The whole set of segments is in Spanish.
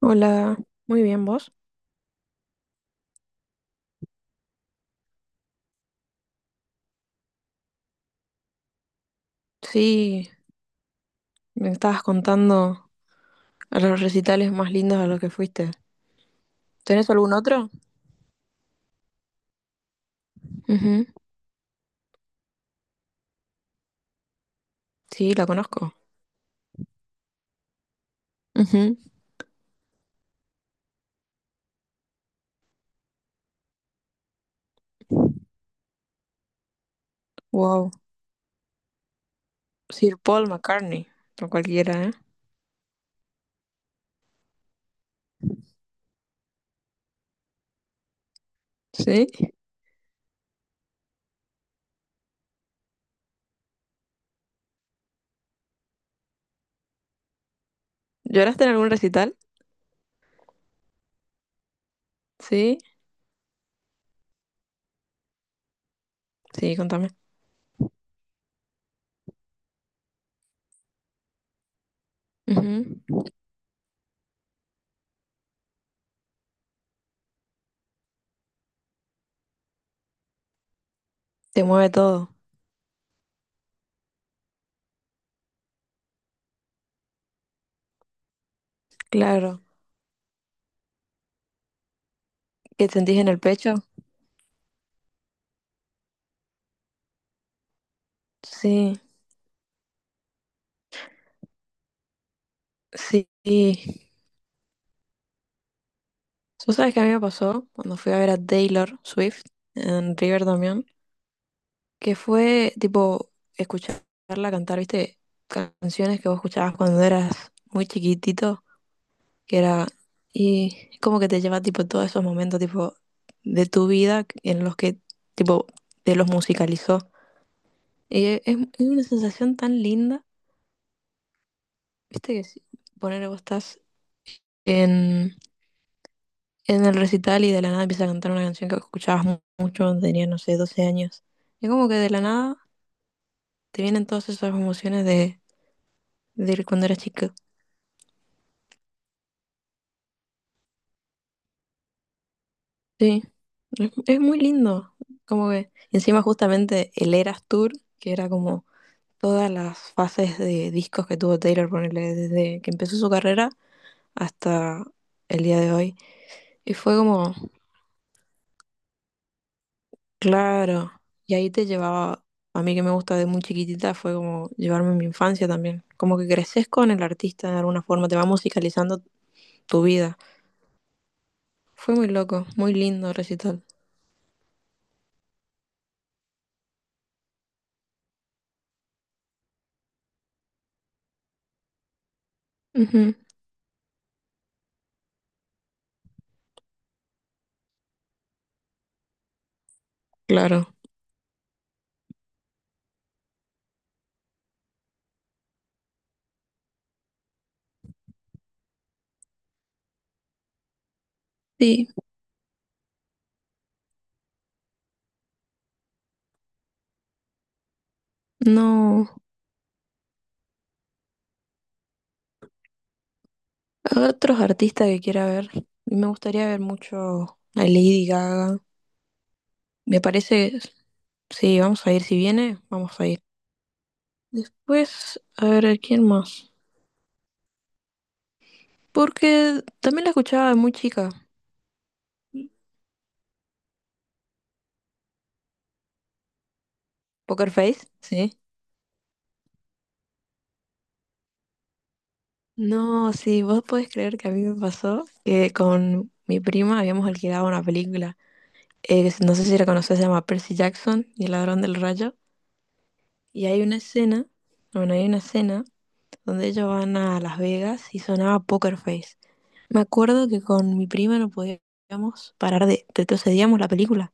Hola, muy bien, ¿vos? Sí, me estabas contando a los recitales más lindos a los que fuiste. ¿Tenés algún otro? Ujú. Sí, la conozco. Ujú. Wow. Sir Paul McCartney, o cualquiera, ¿eh? ¿Sí? ¿Lloraste en algún recital? Sí, sí, contame. Ujú. Te mueve todo, claro. ¿Qué sentís en el pecho? Sí, sí. ¿Tú sabes qué a mí me pasó cuando fui a ver a Taylor Swift en River? Que fue tipo escucharla cantar, ¿viste? Canciones que vos escuchabas cuando eras muy chiquitito, que era, y como que te lleva tipo todos esos momentos tipo de tu vida en los que tipo te los musicalizó. Y es una sensación tan linda, ¿viste? Que si, poner vos estás en, en el recital y de la nada empiezas a cantar una canción que escuchabas mucho cuando tenías, no sé, 12 años. Y como que de la nada te vienen todas esas emociones de cuando eras chico. Sí, es muy lindo. Como que encima justamente el Eras Tour, que era como todas las fases de discos que tuvo Taylor, ponerle desde que empezó su carrera hasta el día de hoy. Y fue como, claro, y ahí te llevaba, a mí que me gusta de muy chiquitita, fue como llevarme mi infancia también. Como que creces con el artista de alguna forma, te va musicalizando tu vida. Fue muy loco, muy lindo recital. Ujú, claro. Sí, no. Otros artistas que quiera ver. Me gustaría ver mucho a Lady Gaga. Me parece, sí, vamos a ir. Si viene, vamos a ir. Después, a ver, ¿a ¿quién más? Porque también la escuchaba de muy chica. Poker Face, sí. No, sí, vos podés creer que a mí me pasó que con mi prima habíamos alquilado una película. Que no sé si la conocés, se llama Percy Jackson y el ladrón del rayo. Y hay una escena, bueno, hay una escena donde ellos van a Las Vegas y sonaba Poker Face. Me acuerdo que con mi prima no podíamos parar de Retrocedíamos la película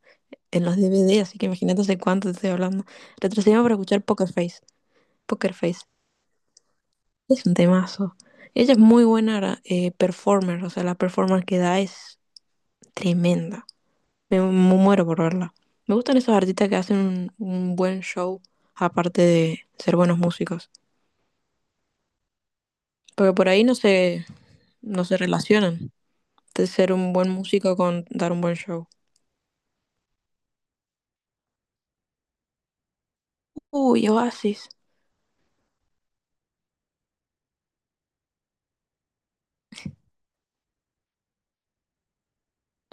en los DVD, así que imagínate hace cuánto te estoy hablando. Retrocedíamos para escuchar Poker Face. Poker Face es un temazo. Ella es muy buena performer, o sea, la performance que da es tremenda. Me, muero por verla. Me gustan esos artistas que hacen un buen show, aparte de ser buenos músicos. Porque por ahí no se, no se relacionan, de ser un buen músico con dar un buen show. Uy, Oasis.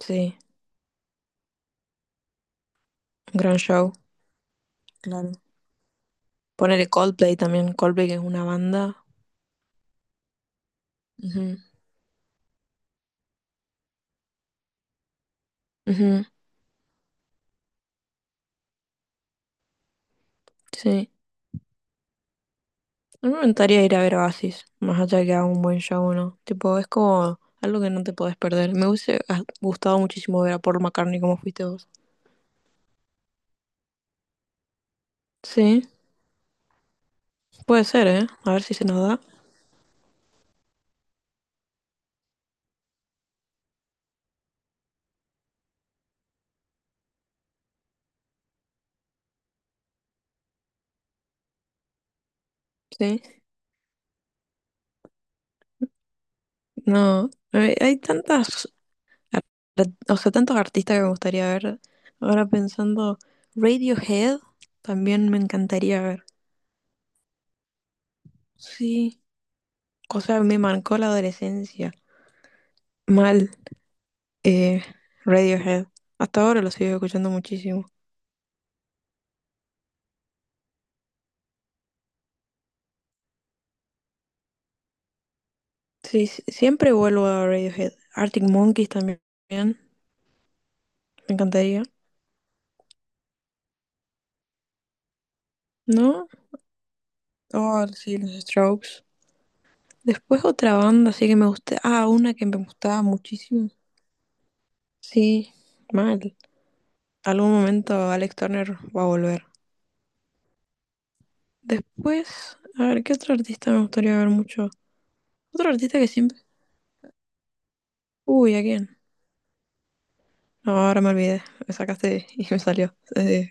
Sí. Gran show. Claro. Ponerle Coldplay también. Coldplay que es una banda. Ujú, ujú, sí. No me gustaría ir a ver Oasis, más allá que haga un buen show, ¿no? Tipo, es como algo que no te podés perder. Me hubiese gustado muchísimo ver a Paul McCartney como fuiste vos. Sí, puede ser, ¿eh? A ver si se nos da. Sí. No, hay tantas, ar- o sea, tantos artistas que me gustaría ver. Ahora pensando, Radiohead también me encantaría ver. Sí, o sea, me marcó la adolescencia. Mal, eh, Radiohead. Hasta ahora lo sigo escuchando muchísimo. Sí, sí, siempre vuelvo a Radiohead. Arctic Monkeys también, me encantaría. ¿No? Oh, sí, los Strokes. Después otra banda, sí que me gusta. Ah, una que me gustaba muchísimo. Sí, mal. Algún momento Alex Turner va a volver. Después, a ver, ¿qué otro artista me gustaría ver mucho? Otro artista que siempre. Uy, ¿a quién? No, ahora me olvidé. Me sacaste y me salió.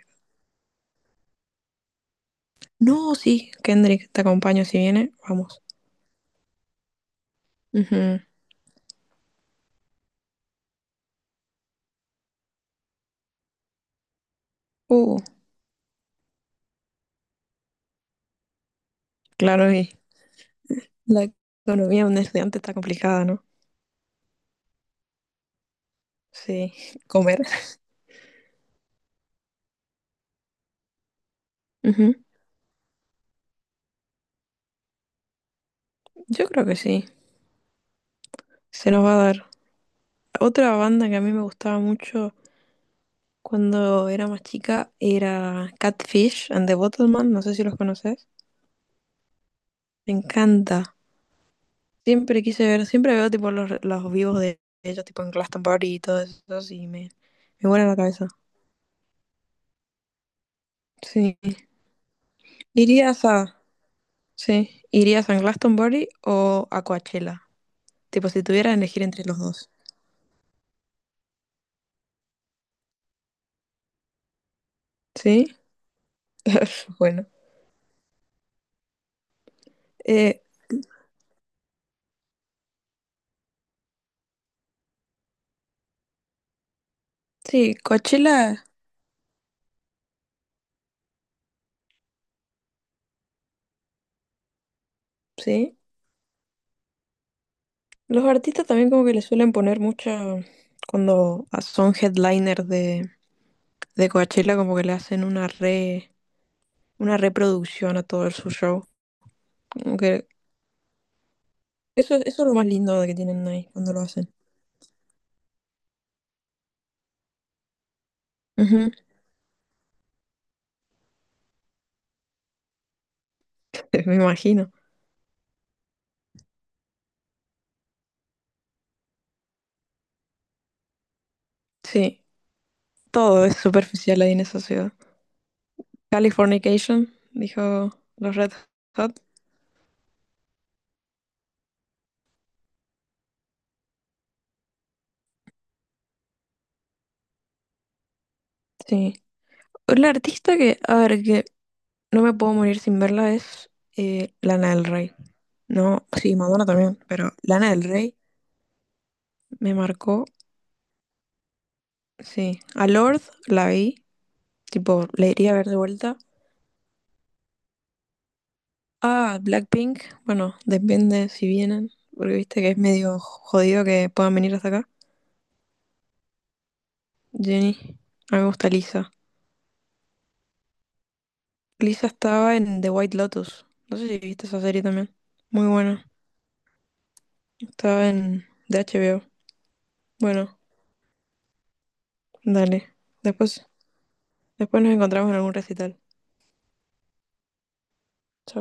No, sí, Kendrick, te acompaño si viene, vamos. Ujú. Uh, claro, y la economía de un estudiante está complicada, ¿no? Sí, comer. Ujú. Yo creo que sí, se nos va a dar. Otra banda que a mí me gustaba mucho cuando era más chica era Catfish and the Bottleman, no sé si los conoces. Me encanta. Siempre quise ver, siempre veo tipo los vivos de ellos, tipo en Glastonbury y todo eso, y me vuela la cabeza. Sí. Irías a Sí. ¿Irías a Glastonbury o a Coachella? Tipo, si tuvieras que elegir entre los dos. Sí. Bueno. Eh, sí, Coachella, sí. Los artistas también como que le suelen poner mucha Cuando son headliners de Coachella, como que le hacen una re, una reproducción a todo su show. Como que eso es lo más lindo de que tienen ahí cuando lo hacen. Ujú. Me imagino. Sí, todo es superficial ahí en esa ciudad. Californication, dijo los Red Hot. Sí. La artista que, a ver, que no me puedo morir sin verla es Lana del Rey. No, sí, Madonna también, pero Lana del Rey me marcó, sí. A Lord la vi, tipo, la iría a ver de vuelta. A Blackpink, bueno, depende si vienen, porque viste que es medio jodido que puedan venir hasta acá. Jenny, a mí me gusta Lisa. Lisa estaba en The White Lotus, no sé si viste esa serie también. Muy buena. Estaba en de HBO. Bueno, dale. Después, después nos encontramos en algún recital. Chao.